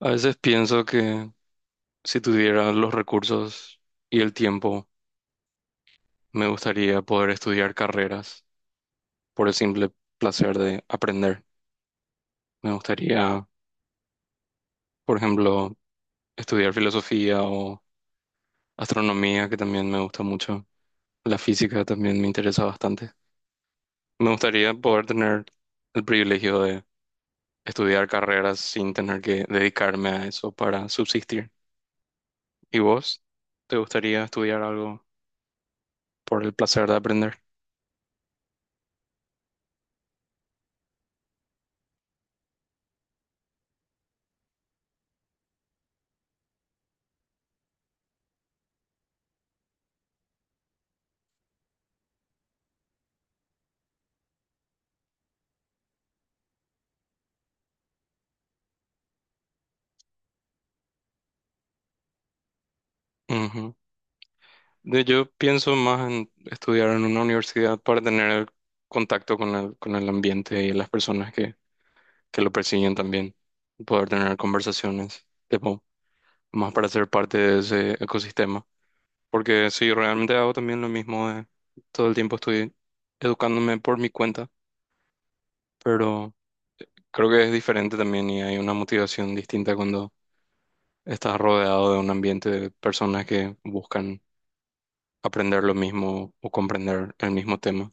A veces pienso que si tuviera los recursos y el tiempo, me gustaría poder estudiar carreras por el simple placer de aprender. Me gustaría, por ejemplo, estudiar filosofía o astronomía, que también me gusta mucho. La física también me interesa bastante. Me gustaría poder tener el privilegio de estudiar carreras sin tener que dedicarme a eso para subsistir. ¿Y vos? ¿Te gustaría estudiar algo por el placer de aprender? Ujú. Yo pienso más en estudiar en una universidad para tener el contacto con el ambiente y las personas que lo persiguen también, y poder tener conversaciones, tipo, más para ser parte de ese ecosistema. Porque sí, realmente hago también lo mismo, todo el tiempo estoy educándome por mi cuenta, pero creo que es diferente también y hay una motivación distinta cuando estás rodeado de un ambiente de personas que buscan aprender lo mismo o comprender el mismo tema.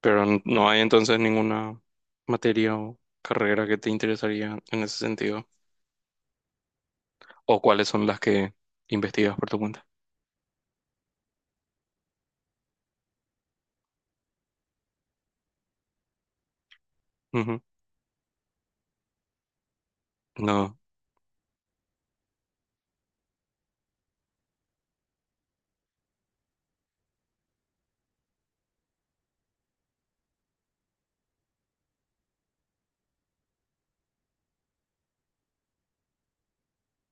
Pero no hay entonces ninguna materia o carrera que te interesaría en ese sentido. ¿O cuáles son las que investigas por tu cuenta? Ujú. No.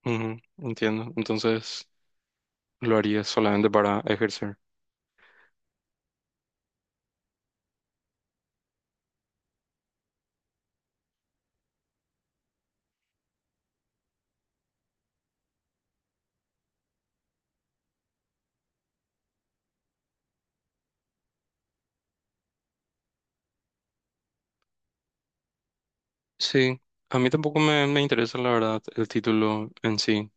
Ujú. Entiendo. Entonces lo harías solamente para ejercer. Sí, a mí tampoco me interesa la verdad el título en sí.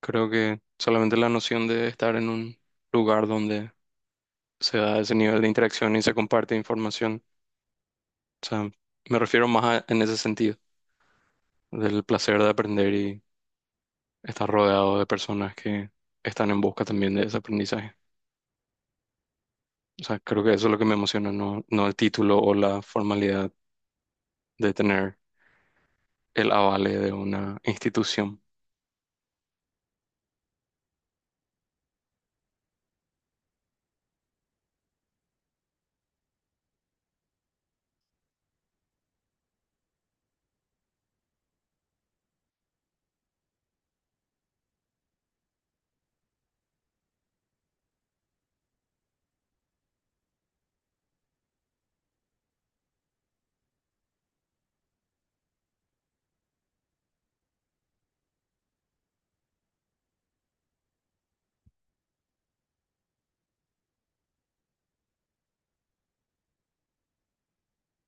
Creo que solamente la noción de estar en un lugar donde se da ese nivel de interacción y se comparte información. O sea, me refiero más en ese sentido, del placer de aprender, estar rodeado de personas que están en busca también de ese aprendizaje. O sea, creo que eso es lo que me emociona, no el título o la formalidad de tener el avale de una institución.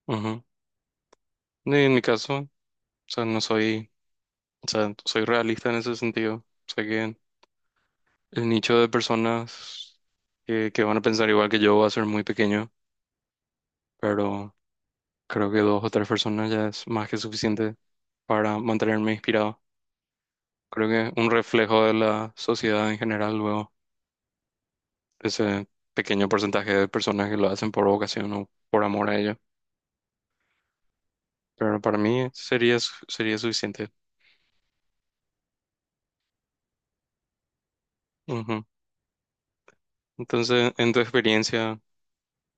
Ujú. Y en mi caso, o sea, no soy, o sea, soy realista en ese sentido. Sé que el nicho de personas que van a pensar igual que yo va a ser muy pequeño, pero creo que dos o tres personas ya es más que suficiente para mantenerme inspirado. Creo que un reflejo de la sociedad en general luego. Ese pequeño porcentaje de personas que lo hacen por vocación o por amor a ello. Pero para mí sería, sería suficiente. Ujú. Entonces, en tu experiencia,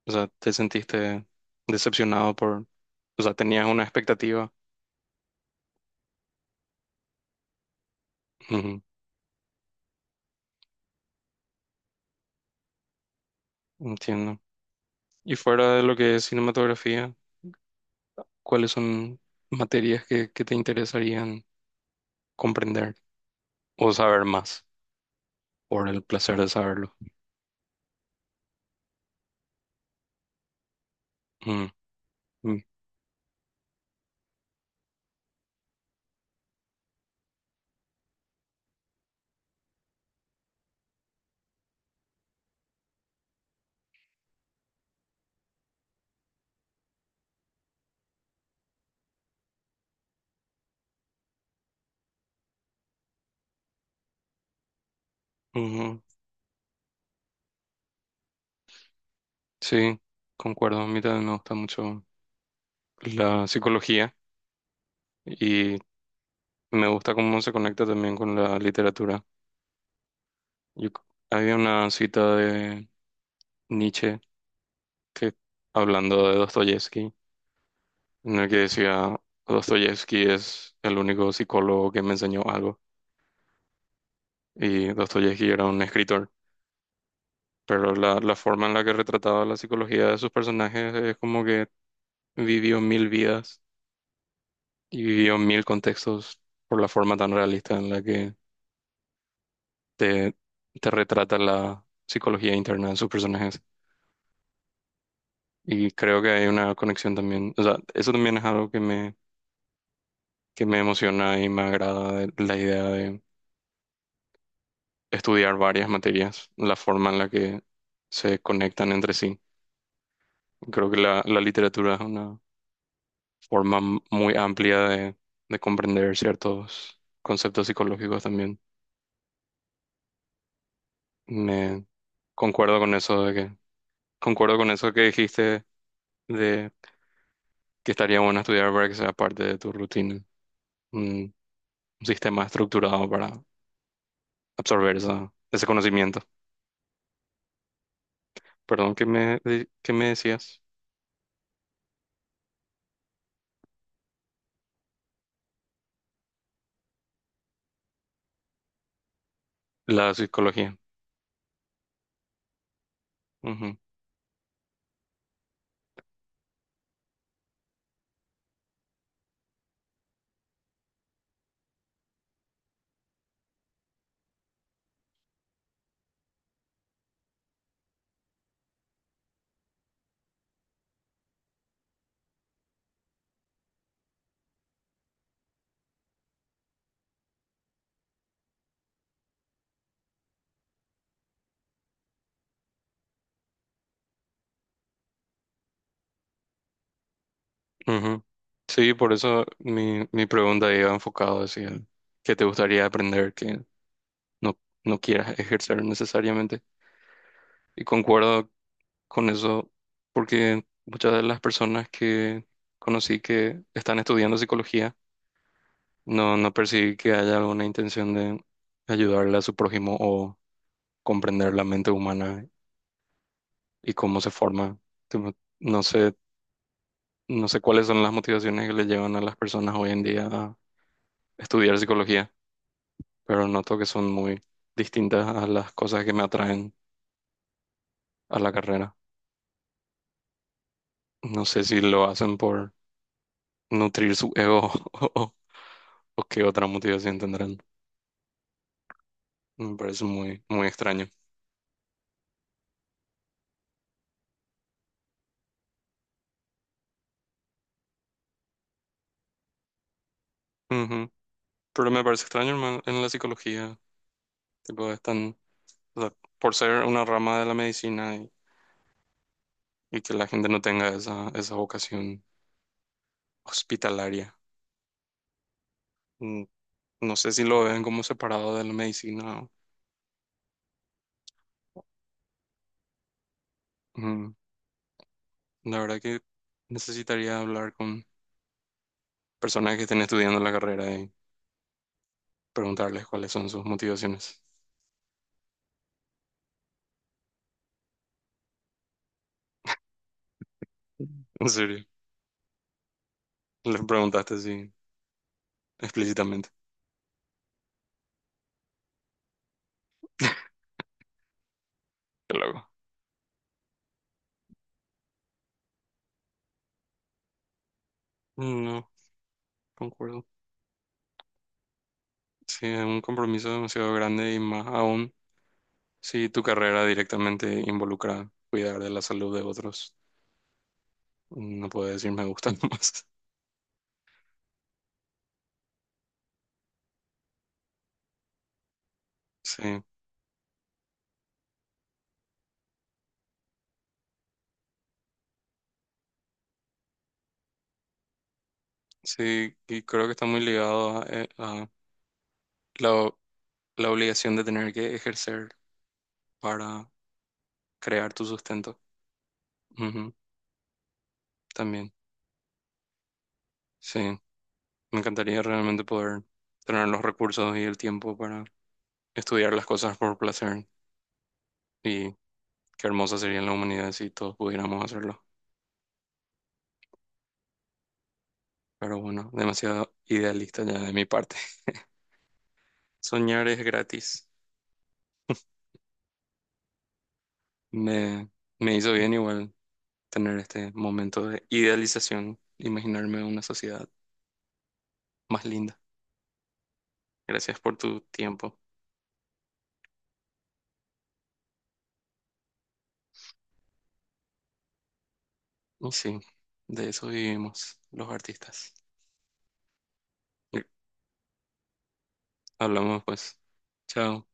o sea, ¿te sentiste decepcionado por, o sea, tenías una expectativa? Ujú. Entiendo. Y fuera de lo que es cinematografía, ¿cuáles son materias que te interesarían comprender o saber más por el placer de saberlo? Mm, mm, ujú. Sí, concuerdo. A mí también me gusta mucho la psicología, y me gusta cómo se conecta también con la literatura. Yo c- Había una cita de Nietzsche que, hablando de Dostoyevsky, en el que decía: Dostoyevsky es el único psicólogo que me enseñó algo, y Dostoyevsky era un escritor, pero la forma en la que retrataba la psicología de sus personajes es como que vivió mil vidas y vivió mil contextos por la forma tan realista en la que te, te retrata la psicología interna de sus personajes. Y creo que hay una conexión también, o sea, eso también es algo que que me emociona y me agrada de la idea de estudiar varias materias, la forma en la que se conectan entre sí. Creo que la literatura es una forma muy amplia de comprender ciertos conceptos psicológicos también. Me Concuerdo con eso de que, concuerdo con eso que dijiste de que estaría bueno estudiar para que sea parte de tu rutina, un sistema estructurado absorber ese conocimiento. Perdón, ¿qué me, qué me decías? La psicología. Ujú, ujú. Sí, por eso mi pregunta iba enfocado hacia el que te gustaría aprender, que no, no quieras ejercer necesariamente. Y concuerdo con eso, porque muchas de las personas que conocí que están estudiando psicología, no percibí que haya alguna intención de ayudarle a su prójimo o comprender la mente humana y cómo se forma. Tipo, no sé, no sé cuáles son las motivaciones que le llevan a las personas hoy en día a estudiar psicología, pero noto que son muy distintas a las cosas que me atraen a la carrera. No sé si lo hacen por nutrir su ego o qué otra motivación tendrán. Me parece muy, muy extraño. Ujú. Pero me parece extraño, hermano, en la psicología, tipo, están, o sea, por ser una rama de la medicina y que la gente no tenga esa, esa vocación hospitalaria. No sé si lo ven como separado de la medicina. Ujú. La verdad que necesitaría hablar con personas que estén estudiando la carrera y preguntarles cuáles son sus motivaciones. ¿En serio, les preguntaste así explícitamente? Qué loco. No, concuerdo. Sí, es un compromiso demasiado grande y más aún si tu carrera directamente involucra cuidar de la salud de otros. No puedo decir me gusta más. Sí, sí, y creo que está muy ligado a la la obligación de tener que ejercer para crear tu sustento. Ujú, también, sí. Me encantaría realmente poder tener los recursos y el tiempo para estudiar las cosas por placer. Y qué hermosa sería la humanidad si todos pudiéramos hacerlo. Pero bueno, demasiado idealista ya de mi parte. Soñar es gratis. Me, Me hizo bien igual tener este momento de idealización, imaginarme una sociedad más linda. Gracias por tu tiempo. No, sí, de eso vivimos los artistas. Hablamos pues. Chao.